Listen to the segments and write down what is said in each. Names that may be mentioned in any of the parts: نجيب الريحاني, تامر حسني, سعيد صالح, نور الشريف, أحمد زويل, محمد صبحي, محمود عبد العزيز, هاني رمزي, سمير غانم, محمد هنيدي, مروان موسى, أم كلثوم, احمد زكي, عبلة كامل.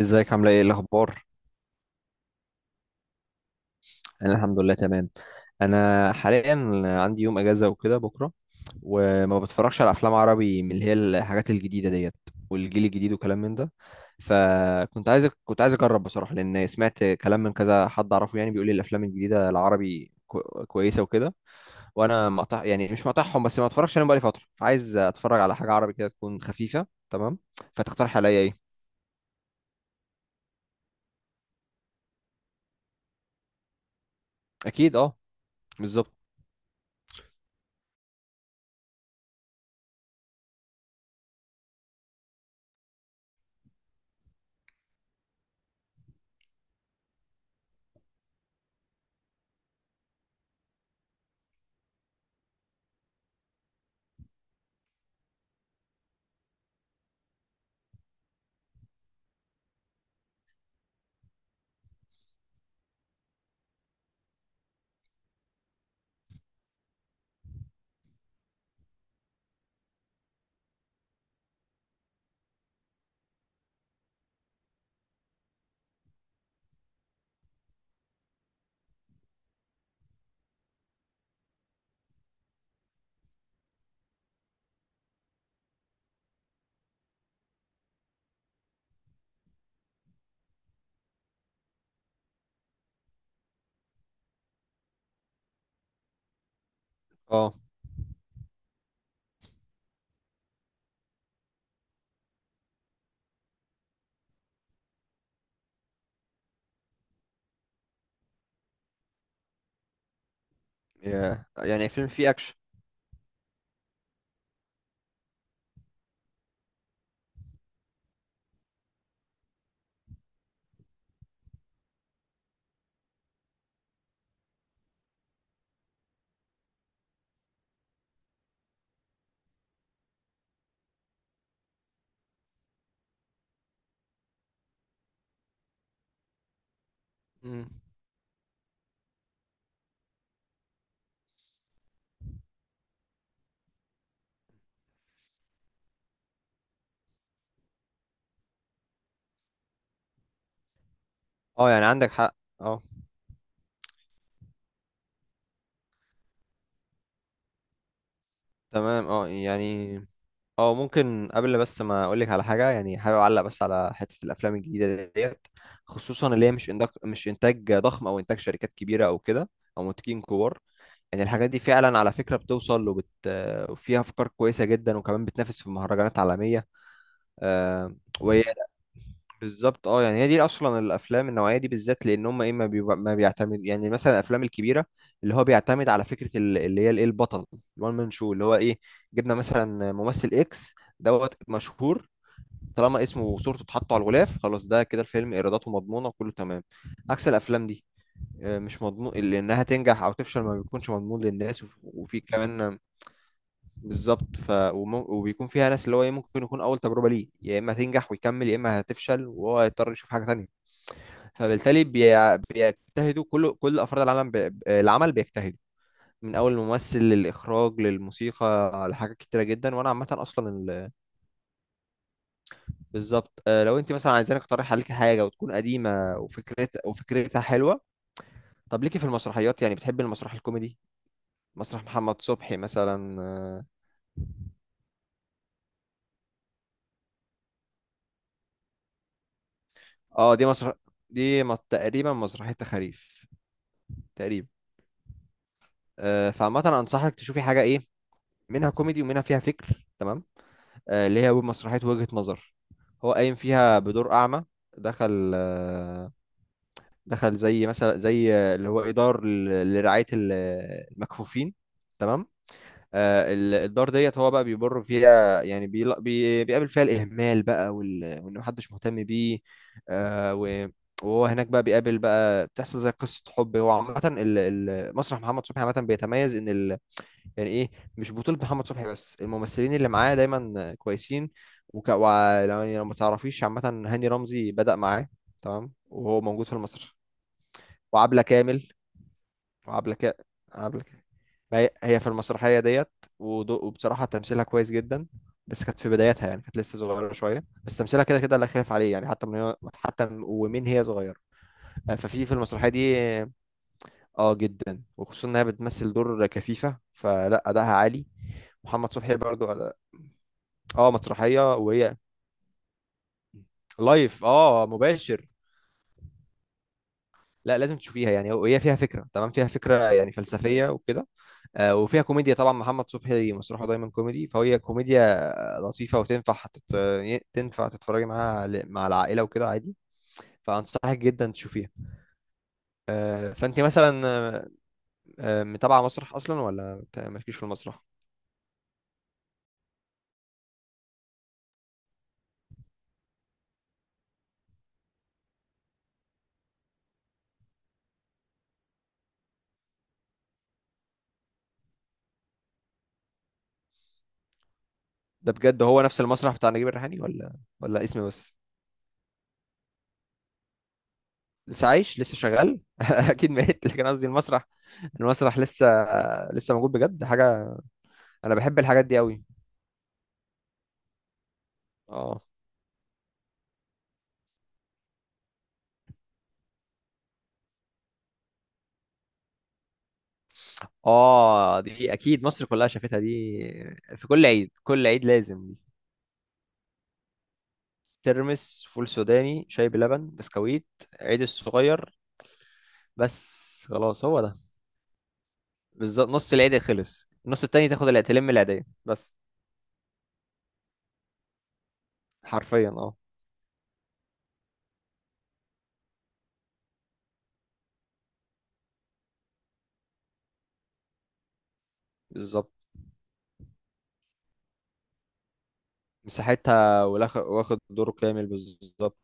ازيك؟ عامله ايه؟ إيه الاخبار؟ انا الحمد لله تمام. انا حاليا عندي يوم اجازه وكده بكره، وما بتفرجش على افلام عربي، من اللي هي الحاجات الجديده ديت والجيل الجديد وكلام من ده. فكنت عايز، كنت عايز اجرب بصراحه، لان سمعت كلام من كذا حد اعرفه، يعني بيقول لي الافلام الجديده العربي كويسه وكده. وانا مقطع، يعني مش مقطعهم بس ما اتفرجش عليهم بقالي فتره، فعايز اتفرج على حاجه عربي كده تكون خفيفه. تمام، فتقترح عليا ايه؟ اكيد، اه، بالظبط. اه، يعني فيلم فيه اكشن. مم. اه يعني عندك حق، اه، تمام، اه يعني. اه، ممكن قبل بس ما اقولك على حاجه، يعني حابب اعلق بس على حته الافلام الجديده ديت. خصوصا اللي هي مش مش انتاج ضخم، او انتاج شركات كبيره او كده، او منتجين كبار. يعني الحاجات دي فعلا على فكره بتوصل وفيها افكار كويسه جدا، وكمان بتنافس في مهرجانات عالميه. آه، وهي بالظبط. اه يعني هي دي اصلا الافلام النوعيه دي بالذات، لان هم ايه، ما, بيبقى ما بيعتمد، يعني مثلا الافلام الكبيره اللي هو بيعتمد على فكره اللي هي الايه البطل، الوان مان شو اللي هو ايه، جبنا مثلا ممثل اكس دوت مشهور، طالما اسمه وصورته اتحطوا على الغلاف خلاص ده كده الفيلم ايراداته مضمونه وكله تمام. عكس الافلام دي، آه، مش مضمون اللي انها تنجح او تفشل، ما بيكونش مضمون للناس. وفي كمان، بالظبط. وبيكون فيها ناس اللي هو ايه، ممكن يكون اول تجربه ليه، يا اما تنجح ويكمل، يا اما هتفشل وهو هيضطر يشوف حاجه تانية. فبالتالي بيجتهدوا كل افراد العالم. العمل بيجتهدوا من اول الممثل للاخراج للموسيقى لحاجات كتيره جدا. وانا عامه اصلا بالظبط. آه، لو انت مثلا عايزاني اقترح عليك حاجه وتكون قديمه، وفكرت وفكرتها حلوه. طب ليكي في المسرحيات، يعني بتحبي المسرح الكوميدي؟ مسرح محمد صبحي مثلا. اه، آه، دي مسرح، تقريبا مسرحيه تخاريف. تقريبا. آه، فعامه انصحك تشوفي حاجه ايه، منها كوميدي ومنها فيها فكر. تمام، آه، اللي هي مسرحية وجهة نظر. هو قايم فيها بدور أعمى، دخل، آه، دخل زي مثلا، زي آه، اللي هو إدار لرعاية المكفوفين. تمام، آه، الدار ديت هو بقى بيمر فيها، يعني بيقابل فيها الإهمال بقى، وإن محدش مهتم بيه. آه، وهو هناك بقى بيقابل بقى، بتحصل زي قصة حب. هو عامة مسرح محمد صبحي عامة بيتميز يعني ايه، مش بطولة محمد صبحي بس، الممثلين اللي معاه دايما كويسين. يعني لو ما تعرفيش، عامة هاني رمزي بدأ معاه. تمام، وهو موجود في المسرح. وعبلة كامل، وعبلة ك... عبلة كامل. ما هي، هي في المسرحية ديت. وبصراحة تمثيلها كويس جدا، بس كانت في بدايتها يعني، كانت لسه صغيرة شوية، بس تمثيلها كده كده لا خلاف عليه، يعني حتى حتى ومن هي صغيرة. آه، ففي المسرحية دي، اه جدا، وخصوصا انها بتمثل دور كفيفة، فلا أداءها عالي. محمد صبحي برضو، اه مسرحية. وهي لايف، اه، مباشر. لا، لازم تشوفيها يعني، وهي فيها فكرة. تمام، فيها فكرة يعني فلسفية وكده. آه وفيها كوميديا طبعا، محمد صبحي مسرحه دايما كوميدي، فهي كوميديا لطيفة، تنفع تتفرجي معاها مع العائلة وكده عادي. فأنصحك جدا تشوفيها. آه فأنت مثلا، آه، آه، متابعة مسرح أصلا ولا مالكيش في المسرح؟ ده بجد هو نفس المسرح بتاع نجيب الريحاني، ولا اسم بس؟ لسه عايش، لسه شغال اكيد ميت، لكن قصدي المسرح. المسرح لسه، لسه موجود بجد حاجه. انا بحب الحاجات دي قوي. اه، اه، دي اكيد مصر كلها شافتها دي. في كل عيد، كل عيد لازم دي. ترمس، فول سوداني، شاي بلبن، بسكويت. عيد الصغير، بس خلاص هو ده. بالظبط، نص العيد خلص، النص التاني تاخد تلم العيدية بس. حرفيا، اه. بالظبط، مساحتها واخد دوره كامل، بالظبط.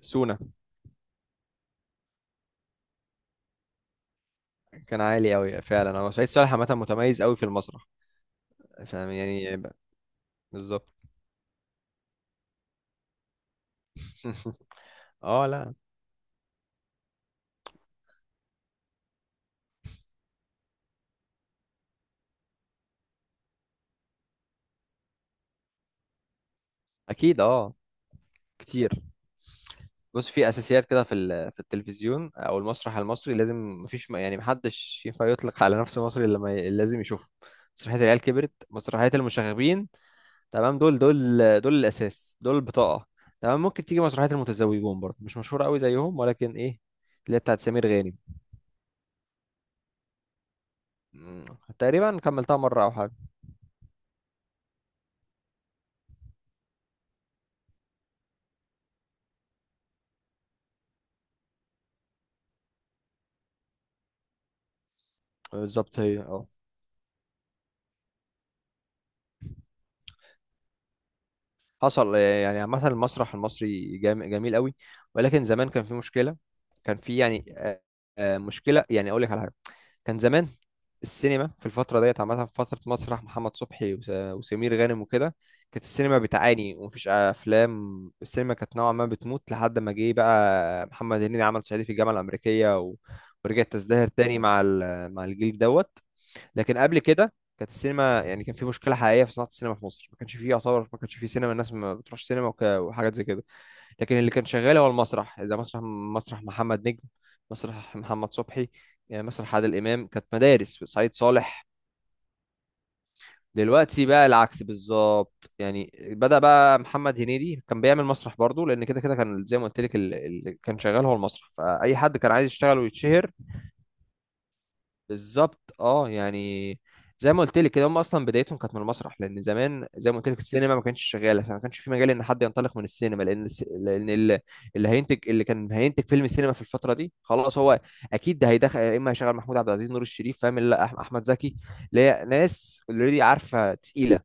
سونا. كان عالي قوي فعلا، هو سعيد صالح عامه متميز قوي في المسرح. فاهم يعني، بالظبط. اه لا، اكيد اه، كتير. بص، في اساسيات كده في في التلفزيون او المسرح المصري لازم، مفيش يعني محدش ينفع يطلق على نفسه مصري الا لما لازم يشوفه. مسرحيه العيال كبرت، مسرحيه المشاغبين. تمام، دول دول الاساس، دول البطاقه. تمام، ممكن تيجي مسرحيه المتزوجون برضه، مش مشهوره قوي زيهم، ولكن ايه، اللي هي بتاعت سمير غانم. مم، تقريبا كملتها مره او حاجه. بالظبط، هي اه. حصل، آه، يعني عامة المسرح المصري جميل قوي، ولكن زمان كان في مشكلة. كان في يعني، آه، آه، مشكلة. يعني أقول لك على حاجة، كان زمان السينما في الفترة ديت، عامة في فترة مسرح محمد صبحي، وسمير غانم وكده، كانت السينما بتعاني، ومفيش أفلام. السينما كانت نوعا ما بتموت، لحد ما جه بقى محمد هنيدي عمل صعيدي في الجامعة الأمريكية ورجعت تزدهر تاني مع مع الجيل دوت. لكن قبل كده كانت السينما، يعني كان في مشكله حقيقيه في صناعه السينما في مصر، ما كانش فيه يعتبر، ما كانش فيه سينما، الناس ما بتروحش سينما، وحاجات زي كده. لكن اللي كان شغال هو المسرح، زي مسرح محمد نجم، مسرح محمد صبحي، يعني مسرح عادل امام، كانت مدارس، سعيد صالح. دلوقتي بقى العكس بالظبط، يعني بدأ بقى محمد هنيدي كان بيعمل مسرح برضه، لان كده كده كان زي ما قلت لك اللي كان شغال هو المسرح، فاي حد كان عايز يشتغل ويتشهر. بالظبط، اه يعني زي ما قلت لك كده، هم اصلا بدايتهم كانت من المسرح، لان زمان زي ما قلت لك السينما ما كانتش شغاله، فما كانش في مجال ان حد ينطلق من السينما، لان لان اللي هينتج، اللي كان هينتج فيلم سينما في الفتره دي خلاص هو اكيد ده هيدخل، يا اما هيشغل محمود عبد العزيز، نور الشريف، فاهم، لا احمد زكي، اللي هي ناس اوريدي عارفه تقيله.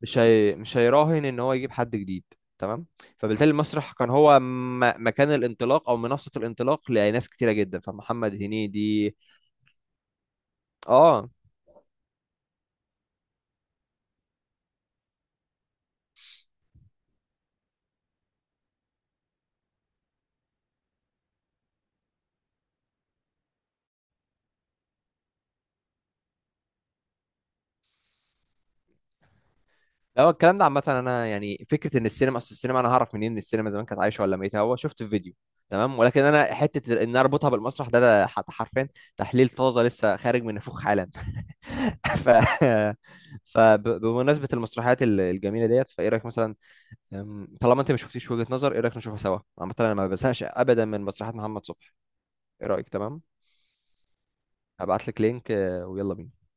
مش هيراهن ان هو يجيب حد جديد. تمام، فبالتالي المسرح كان هو مكان الانطلاق، او منصه الانطلاق لناس كتيره جدا، فمحمد هنيدي. اه لا، هو الكلام ده عامة، أنا يعني فكرة إن السينما، أصل السينما أنا هعرف منين إن السينما زمان كانت عايشة ولا ميتة، هو شفت في فيديو. تمام، ولكن أنا حتة إن أنا أربطها بالمسرح ده, ده حرفيا تحليل طازة لسه خارج من نافوخ حالا. ف فبمناسبة المسرحيات الجميلة ديت، فإيه رأيك مثلا، أم، طالما أنت ما شفتيش وجهة نظر، إيه رأيك نشوفها سوا؟ عامة أنا ما بزهقش أبدا من مسرحيات محمد صبحي. إيه رأيك؟ تمام، هبعت لك لينك، آه، ويلا بينا.